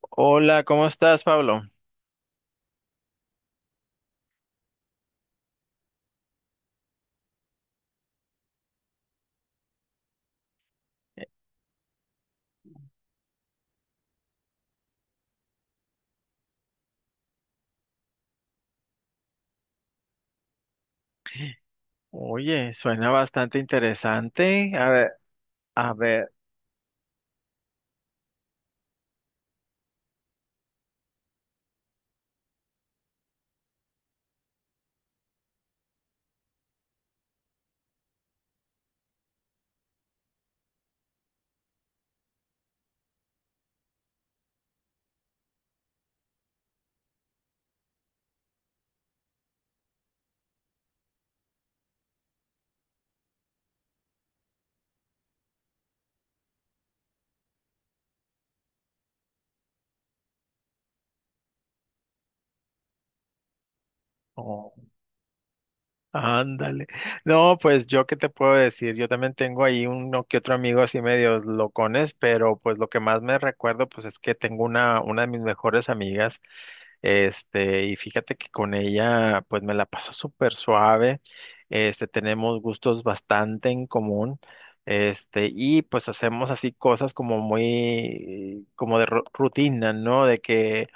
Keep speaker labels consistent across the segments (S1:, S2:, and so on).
S1: Hola, ¿cómo estás, Pablo? Oye, suena bastante interesante. A ver, a ver. Oh, ándale. No, pues yo qué te puedo decir, yo también tengo ahí uno que otro amigo así medios locones, pero pues lo que más me recuerdo pues es que tengo una de mis mejores amigas, y fíjate que con ella pues me la paso súper suave. Tenemos gustos bastante en común, y pues hacemos así cosas como muy, como de rutina, ¿no? De que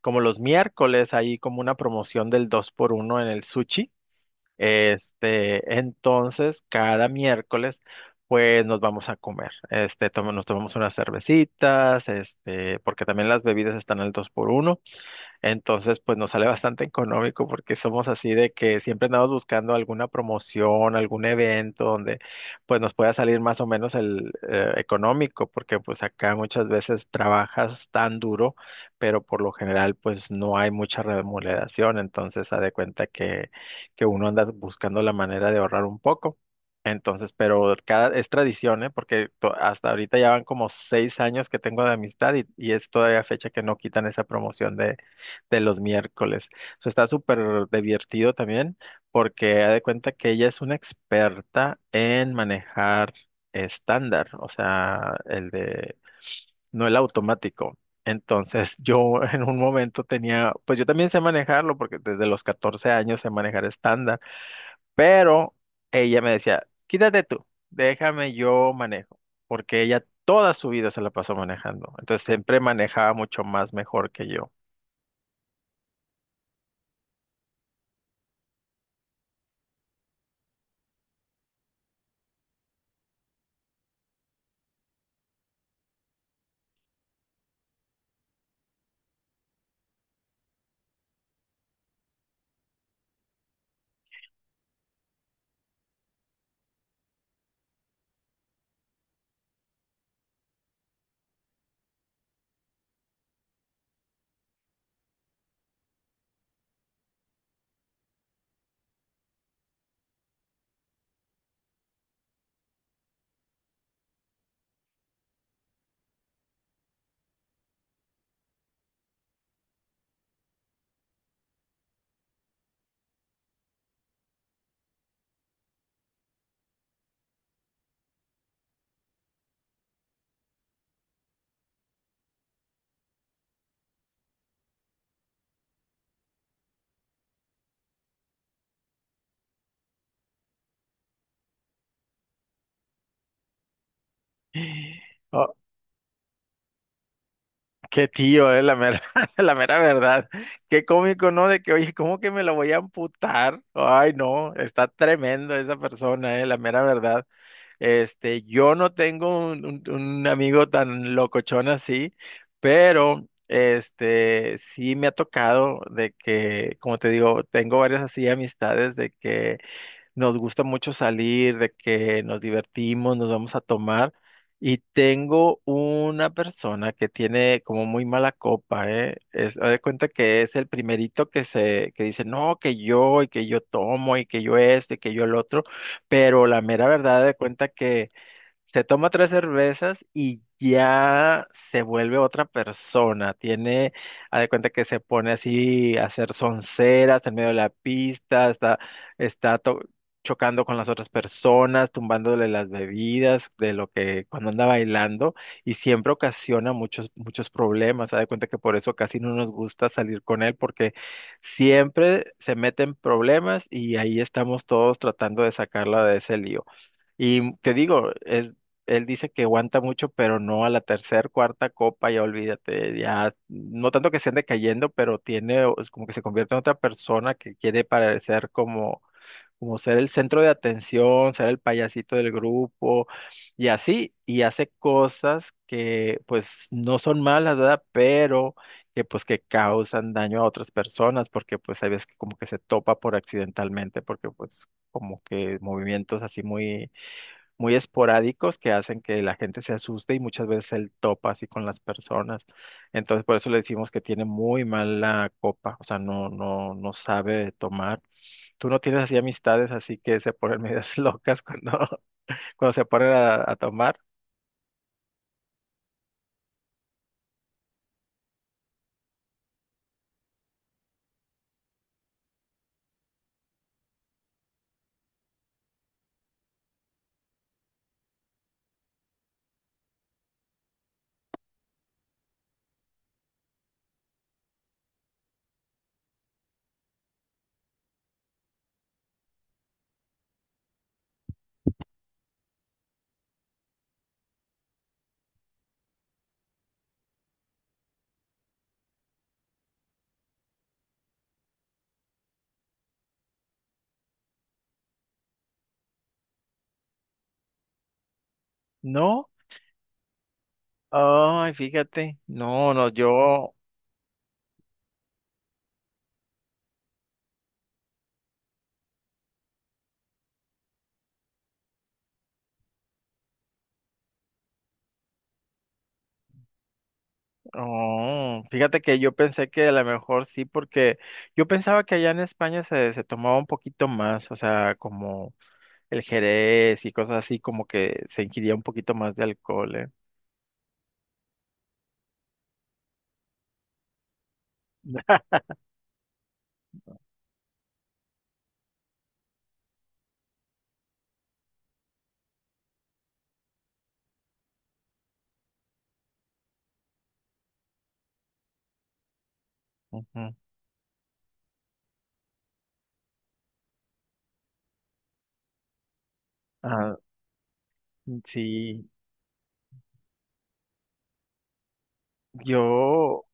S1: como los miércoles hay como una promoción del 2 por uno en el sushi. Entonces, cada miércoles, pues nos vamos a comer. Nos tomamos unas cervecitas, porque también las bebidas están al 2 por uno. Entonces, pues nos sale bastante económico porque somos así de que siempre andamos buscando alguna promoción, algún evento donde pues nos pueda salir más o menos el económico, porque pues acá muchas veces trabajas tan duro, pero por lo general pues no hay mucha remuneración. Entonces haz de cuenta que uno anda buscando la manera de ahorrar un poco. Entonces, pero cada, es tradición, ¿eh? Porque hasta ahorita ya van como 6 años que tengo de amistad, y es todavía fecha que no quitan esa promoción de los miércoles. O sea, está súper divertido también porque ha de cuenta que ella es una experta en manejar estándar, o sea, el de, no el automático. Entonces yo en un momento tenía, pues yo también sé manejarlo porque desde los 14 años sé manejar estándar, pero ella me decía, quítate tú, déjame yo manejo, porque ella toda su vida se la pasó manejando. Entonces siempre manejaba mucho más mejor que yo. Oh. Qué tío, la mera, la mera verdad. Qué cómico, ¿no? De que, oye, ¿cómo que me la voy a amputar? Ay, no, está tremendo esa persona, la mera verdad. Yo no tengo un amigo tan locochón así, pero sí me ha tocado de que, como te digo, tengo varias así amistades de que nos gusta mucho salir, de que nos divertimos, nos vamos a tomar. Y tengo una persona que tiene como muy mala copa, ¿eh? Es, haz de cuenta que es el primerito que se, que dice, no, que yo, y que yo tomo, y que yo esto, y que yo el otro. Pero la mera verdad, haz de cuenta que se toma tres cervezas y ya se vuelve otra persona. Tiene, haz de cuenta que se pone así a hacer sonceras en medio de la pista, está, está to- chocando con las otras personas, tumbándole las bebidas de lo que cuando anda bailando y siempre ocasiona muchos, muchos problemas. Haz de cuenta que por eso casi no nos gusta salir con él porque siempre se meten problemas y ahí estamos todos tratando de sacarla de ese lío. Y te digo, es, él dice que aguanta mucho, pero no a la tercera, cuarta copa, ya olvídate, ya, no tanto que se ande cayendo, pero tiene, o es como que se convierte en otra persona que quiere parecer como, como ser el centro de atención, ser el payasito del grupo, y así, y hace cosas que pues no son malas, ¿verdad? Pero que pues que causan daño a otras personas, porque pues hay veces que como que se topa por accidentalmente, porque pues como que movimientos así muy muy esporádicos que hacen que la gente se asuste y muchas veces él topa así con las personas. Entonces, por eso le decimos que tiene muy mala copa, o sea, no, no, no sabe tomar. Tú no tienes así amistades, así que se ponen medias locas cuando, cuando se ponen a tomar. No, ay, fíjate, no, no, yo. Oh, fíjate que yo pensé que a lo mejor sí, porque yo pensaba que allá en España se, se tomaba un poquito más, o sea, como el Jerez y cosas así, como que se ingiría un poquito más de alcohol, ¿eh? Ujú. Ah, mm, sí, yo,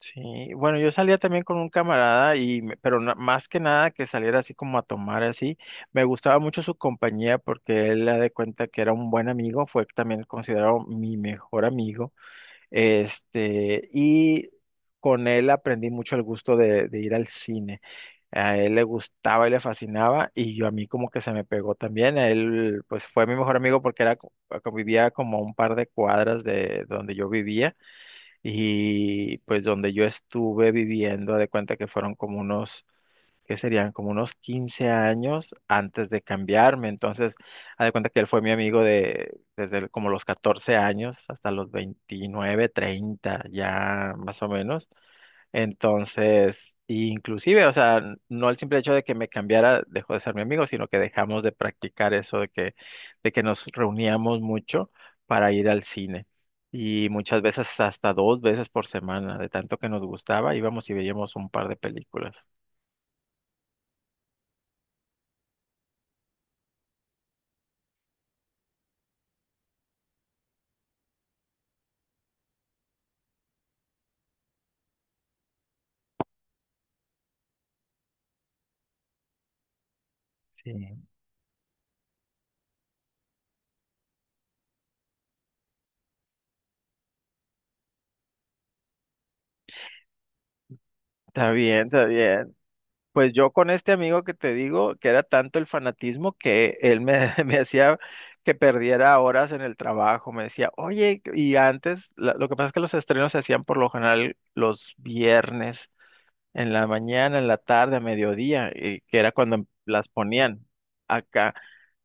S1: sí, bueno, yo salía también con un camarada y, pero más que nada que saliera así como a tomar así, me gustaba mucho su compañía porque él la de cuenta que era un buen amigo, fue también considerado mi mejor amigo. Y con él aprendí mucho el gusto de ir al cine. A él le gustaba y le fascinaba, y yo a mí como que se me pegó también. Él, pues fue mi mejor amigo porque era, vivía como a un par de cuadras de donde yo vivía, y pues donde yo estuve viviendo, de cuenta que fueron como unos que serían como unos 15 años antes de cambiarme. Entonces, haz de cuenta que él fue mi amigo como los 14 años hasta los 29, 30 ya más o menos. Entonces, inclusive, o sea, no el simple hecho de que me cambiara dejó de ser mi amigo, sino que dejamos de practicar eso de que, nos reuníamos mucho para ir al cine. Y muchas veces hasta dos veces por semana, de tanto que nos gustaba, íbamos y veíamos un par de películas. Sí. Está bien, está bien. Pues yo con este amigo que te digo, que era tanto el fanatismo que él me, me hacía que perdiera horas en el trabajo. Me decía, oye, y antes, lo que pasa es que los estrenos se hacían por lo general los viernes, en la mañana, en la tarde, a mediodía, y que era cuando las ponían acá.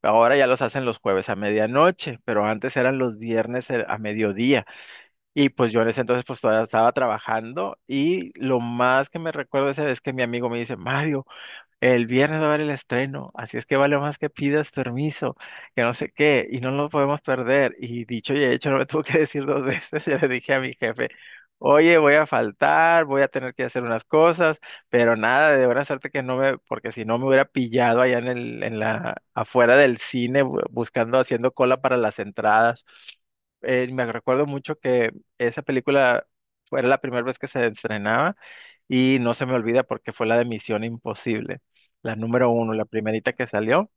S1: Ahora ya los hacen los jueves a medianoche, pero antes eran los viernes a mediodía. Y pues yo en ese entonces pues todavía estaba trabajando y lo más que me recuerdo esa vez que mi amigo me dice, Mario, el viernes va a haber el estreno, así es que vale más que pidas permiso, que no sé qué, y no lo podemos perder. Y dicho y hecho, no me tuvo que decir dos veces. Ya le dije a mi jefe, oye, voy a faltar, voy a tener que hacer unas cosas, pero nada, de buena suerte que no me, porque si no me hubiera pillado allá en el, en la, afuera del cine, buscando, haciendo cola para las entradas. Me recuerdo mucho que esa película fue la primera vez que se estrenaba y no se me olvida porque fue la de Misión Imposible. La número uno, la primerita que salió,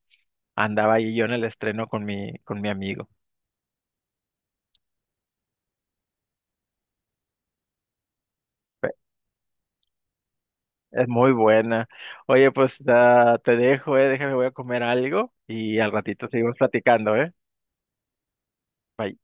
S1: andaba ahí yo en el estreno con mi amigo. Fue- Es muy buena. Oye, pues te dejo, déjame, voy a comer algo y al ratito seguimos platicando, ¿eh? Bye.